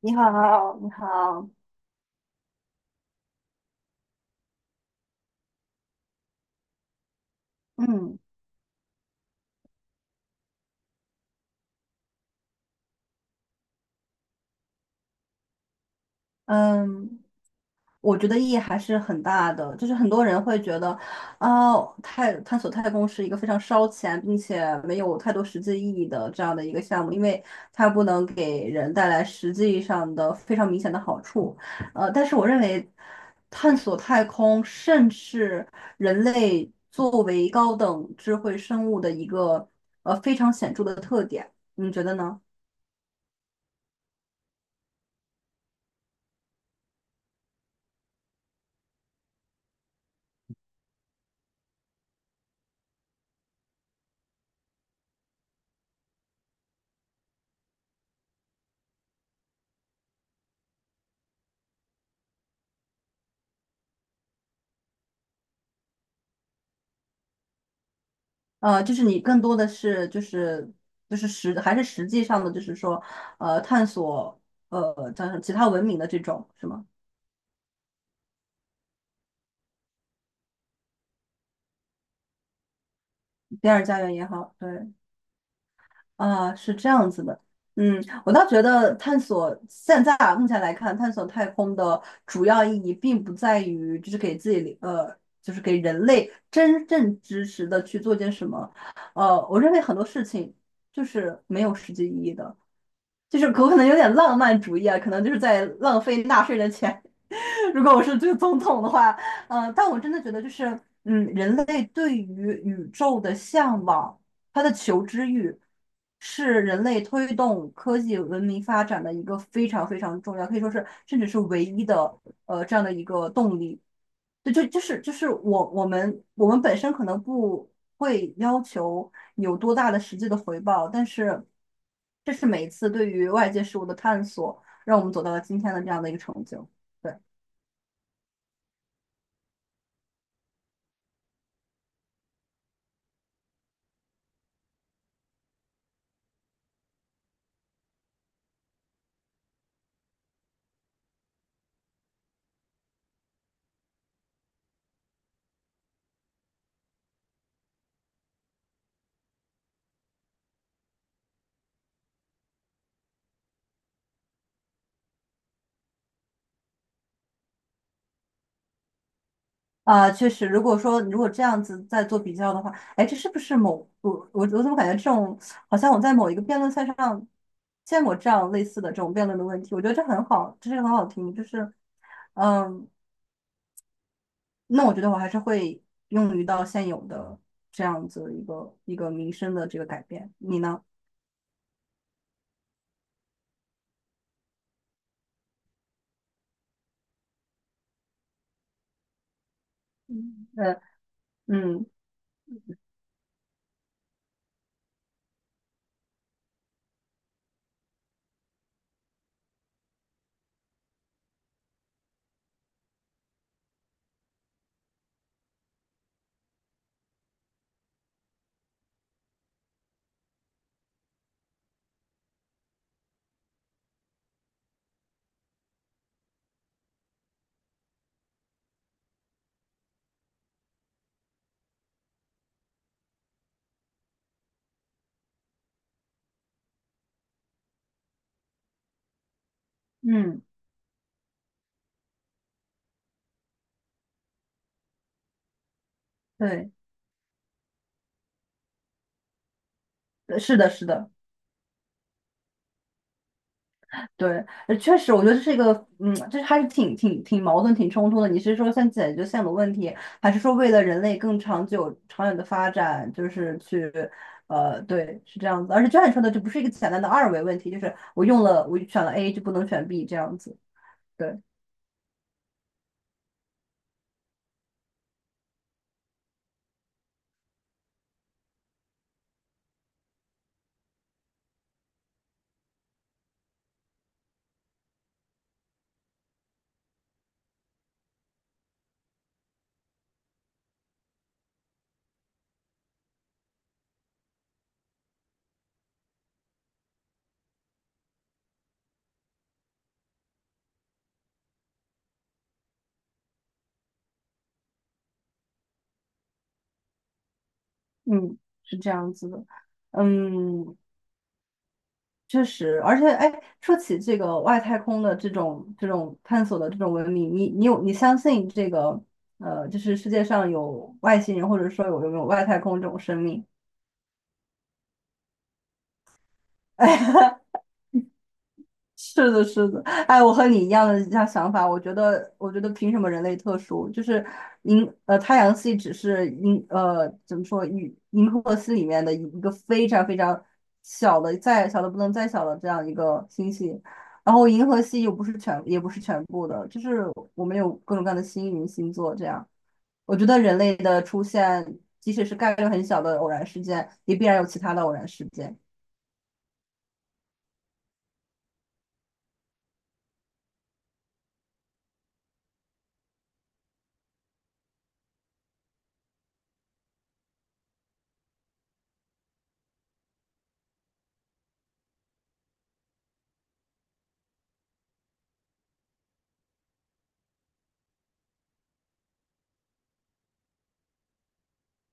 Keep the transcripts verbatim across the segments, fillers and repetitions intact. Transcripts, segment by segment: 你好，你好，嗯嗯，我觉得意义还是很大的，就是很多人会觉得，哦，太探索太空是一个非常烧钱，并且没有太多实际意义的这样的一个项目，因为它不能给人带来实际上的非常明显的好处。呃，但是我认为，探索太空甚是人类作为高等智慧生物的一个呃非常显著的特点，你觉得呢？呃，就是你更多的是就是就是实还是实际上的，就是说呃探索呃叫什么其他文明的这种是吗？第二家园也好，对啊，是这样子的。嗯，我倒觉得探索现在啊目前来看，探索太空的主要意义并不在于就是给自己呃就是给人类真正知识的去做件什么，呃，我认为很多事情就是没有实际意义的。就是我可能有点浪漫主义啊，可能就是在浪费纳税人的钱。如果我是这个总统的话，呃，但我真的觉得就是，嗯，人类对于宇宙的向往，它的求知欲，是人类推动科技文明发展的一个非常非常重要，可以说是甚至是唯一的，呃，这样的一个动力。对，就就是就是我我们我们本身可能不会要求有多大的实际的回报，但是这是每一次对于外界事物的探索，让我们走到了今天的这样的一个成就。对，啊、确实，如果说如果这样子再做比较的话，哎，这是不是某我我我怎么感觉这种好像我在某一个辩论赛上见过这样类似的这种辩论的问题？我觉得这很好，这是个很好听，就是嗯。那我觉得我还是会用于到现有的这样子一个一个民生的这个改变。你呢？嗯呃，嗯嗯，对，呃是的，是的，对，呃确实，我觉得这是一个，嗯，这还是挺挺挺矛盾、挺冲突的。你是说先解决现有的问题，还是说为了人类更长久、长远的发展，就是去，呃，对，是这样子。而且就像你说的，这不是一个简单的二维问题，就是我用了，我选了 A 就不能选 B 这样子。对。嗯，是这样子的，嗯，确实，而且，哎，说起这个外太空的这种这种探索的这种文明，你你有你相信这个呃，就是世界上有外星人，或者说有有没有外太空这种生命？是的，是的，哎，我和你一样的一样想法。我觉得，我觉得凭什么人类特殊？就是银呃，太阳系只是银呃怎么说银银河系里面的一个非常非常小的，再小的不能再小的这样一个星系。然后银河系又不是全，也不是全部的，就是我们有各种各样的星云星座这样。我觉得人类的出现，即使是概率很小的偶然事件，也必然有其他的偶然事件。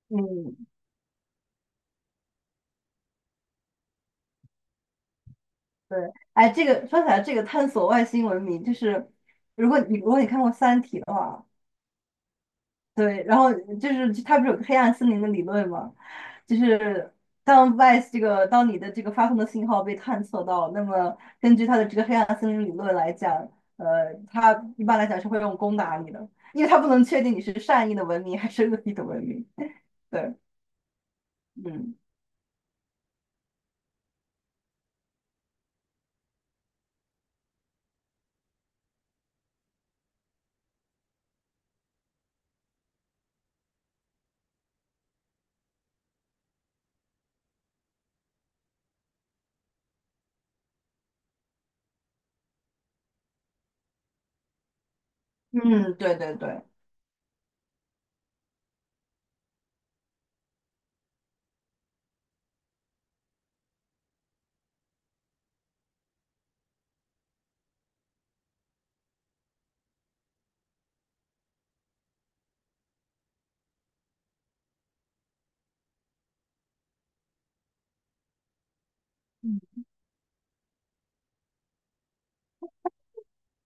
嗯，对，哎，这个说起来，这个探索外星文明，就是如果你如果你看过《三体》的话，对，然后就是它不是有个黑暗森林的理论吗？就是当外这个当你的这个发送的信号被探测到，那么根据它的这个黑暗森林理论来讲，呃，它一般来讲是会用攻打你的，因为它不能确定你是善意的文明还是恶意的文明。对，嗯嗯，对对对。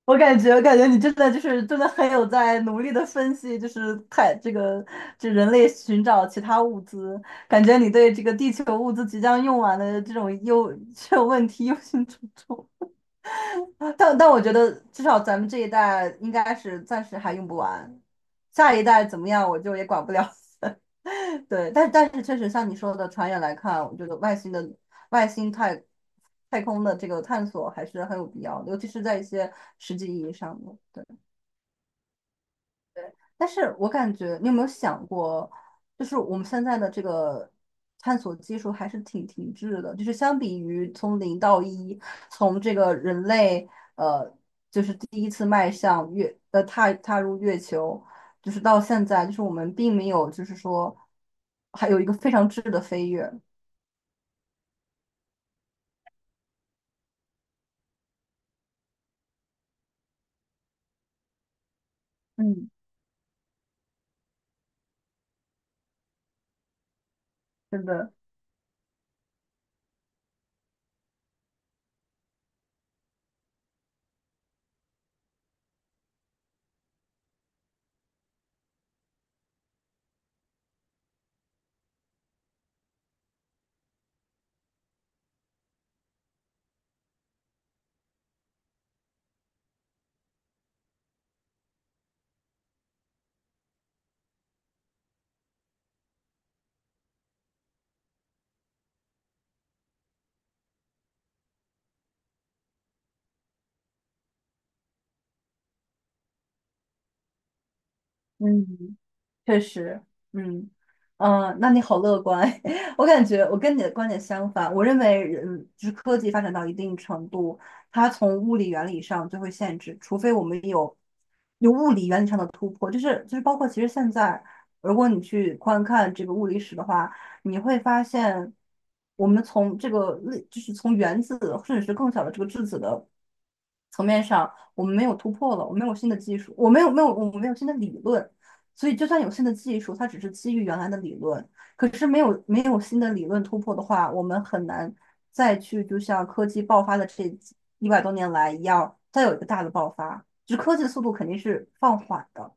我感觉，我感觉你真的就是真的很有在努力的分析，就是太这个这人类寻找其他物资，感觉你对这个地球物资即将用完的这种忧 这种问题忧心忡忡。但但我觉得至少咱们这一代应该是暂时还用不完，下一代怎么样我就也管不了。对，但但是确实像你说的，长远来看，我觉得外星的外星太太空的这个探索还是很有必要的，尤其是在一些实际意义上的。对。对，但是我感觉，你有没有想过，就是我们现在的这个探索技术还是挺停滞的，就是相比于从零到一，从这个人类呃，就是第一次迈向月呃踏踏入月球，就是到现在，就是我们并没有就是说还有一个非常质的飞跃。嗯真的，嗯，确实，嗯嗯呃那你好乐观。我感觉我跟你的观点相反，我认为人就是科技发展到一定程度，它从物理原理上就会限制，除非我们有有物理原理上的突破，就是就是包括其实现在，如果你去观看这个物理史的话，你会发现我们从这个类就是从原子甚至是更小的这个质子的层面上，我们没有突破了，我没有新的技术，我没有没有我没有新的理论，所以就算有新的技术，它只是基于原来的理论。可是没有没有新的理论突破的话，我们很难再去就像科技爆发的这一百多年来一样，再有一个大的爆发。就是科技的速度肯定是放缓的，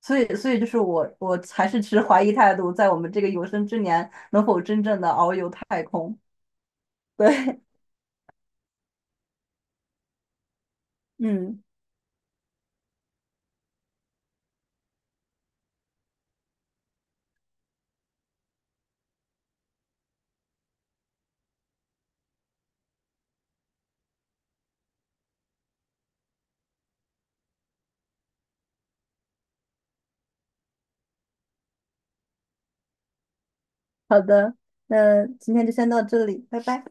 所以所以就是我我还是持怀疑态度，在我们这个有生之年能否真正的遨游太空？对，嗯，好的，那今天就先到这里，拜拜。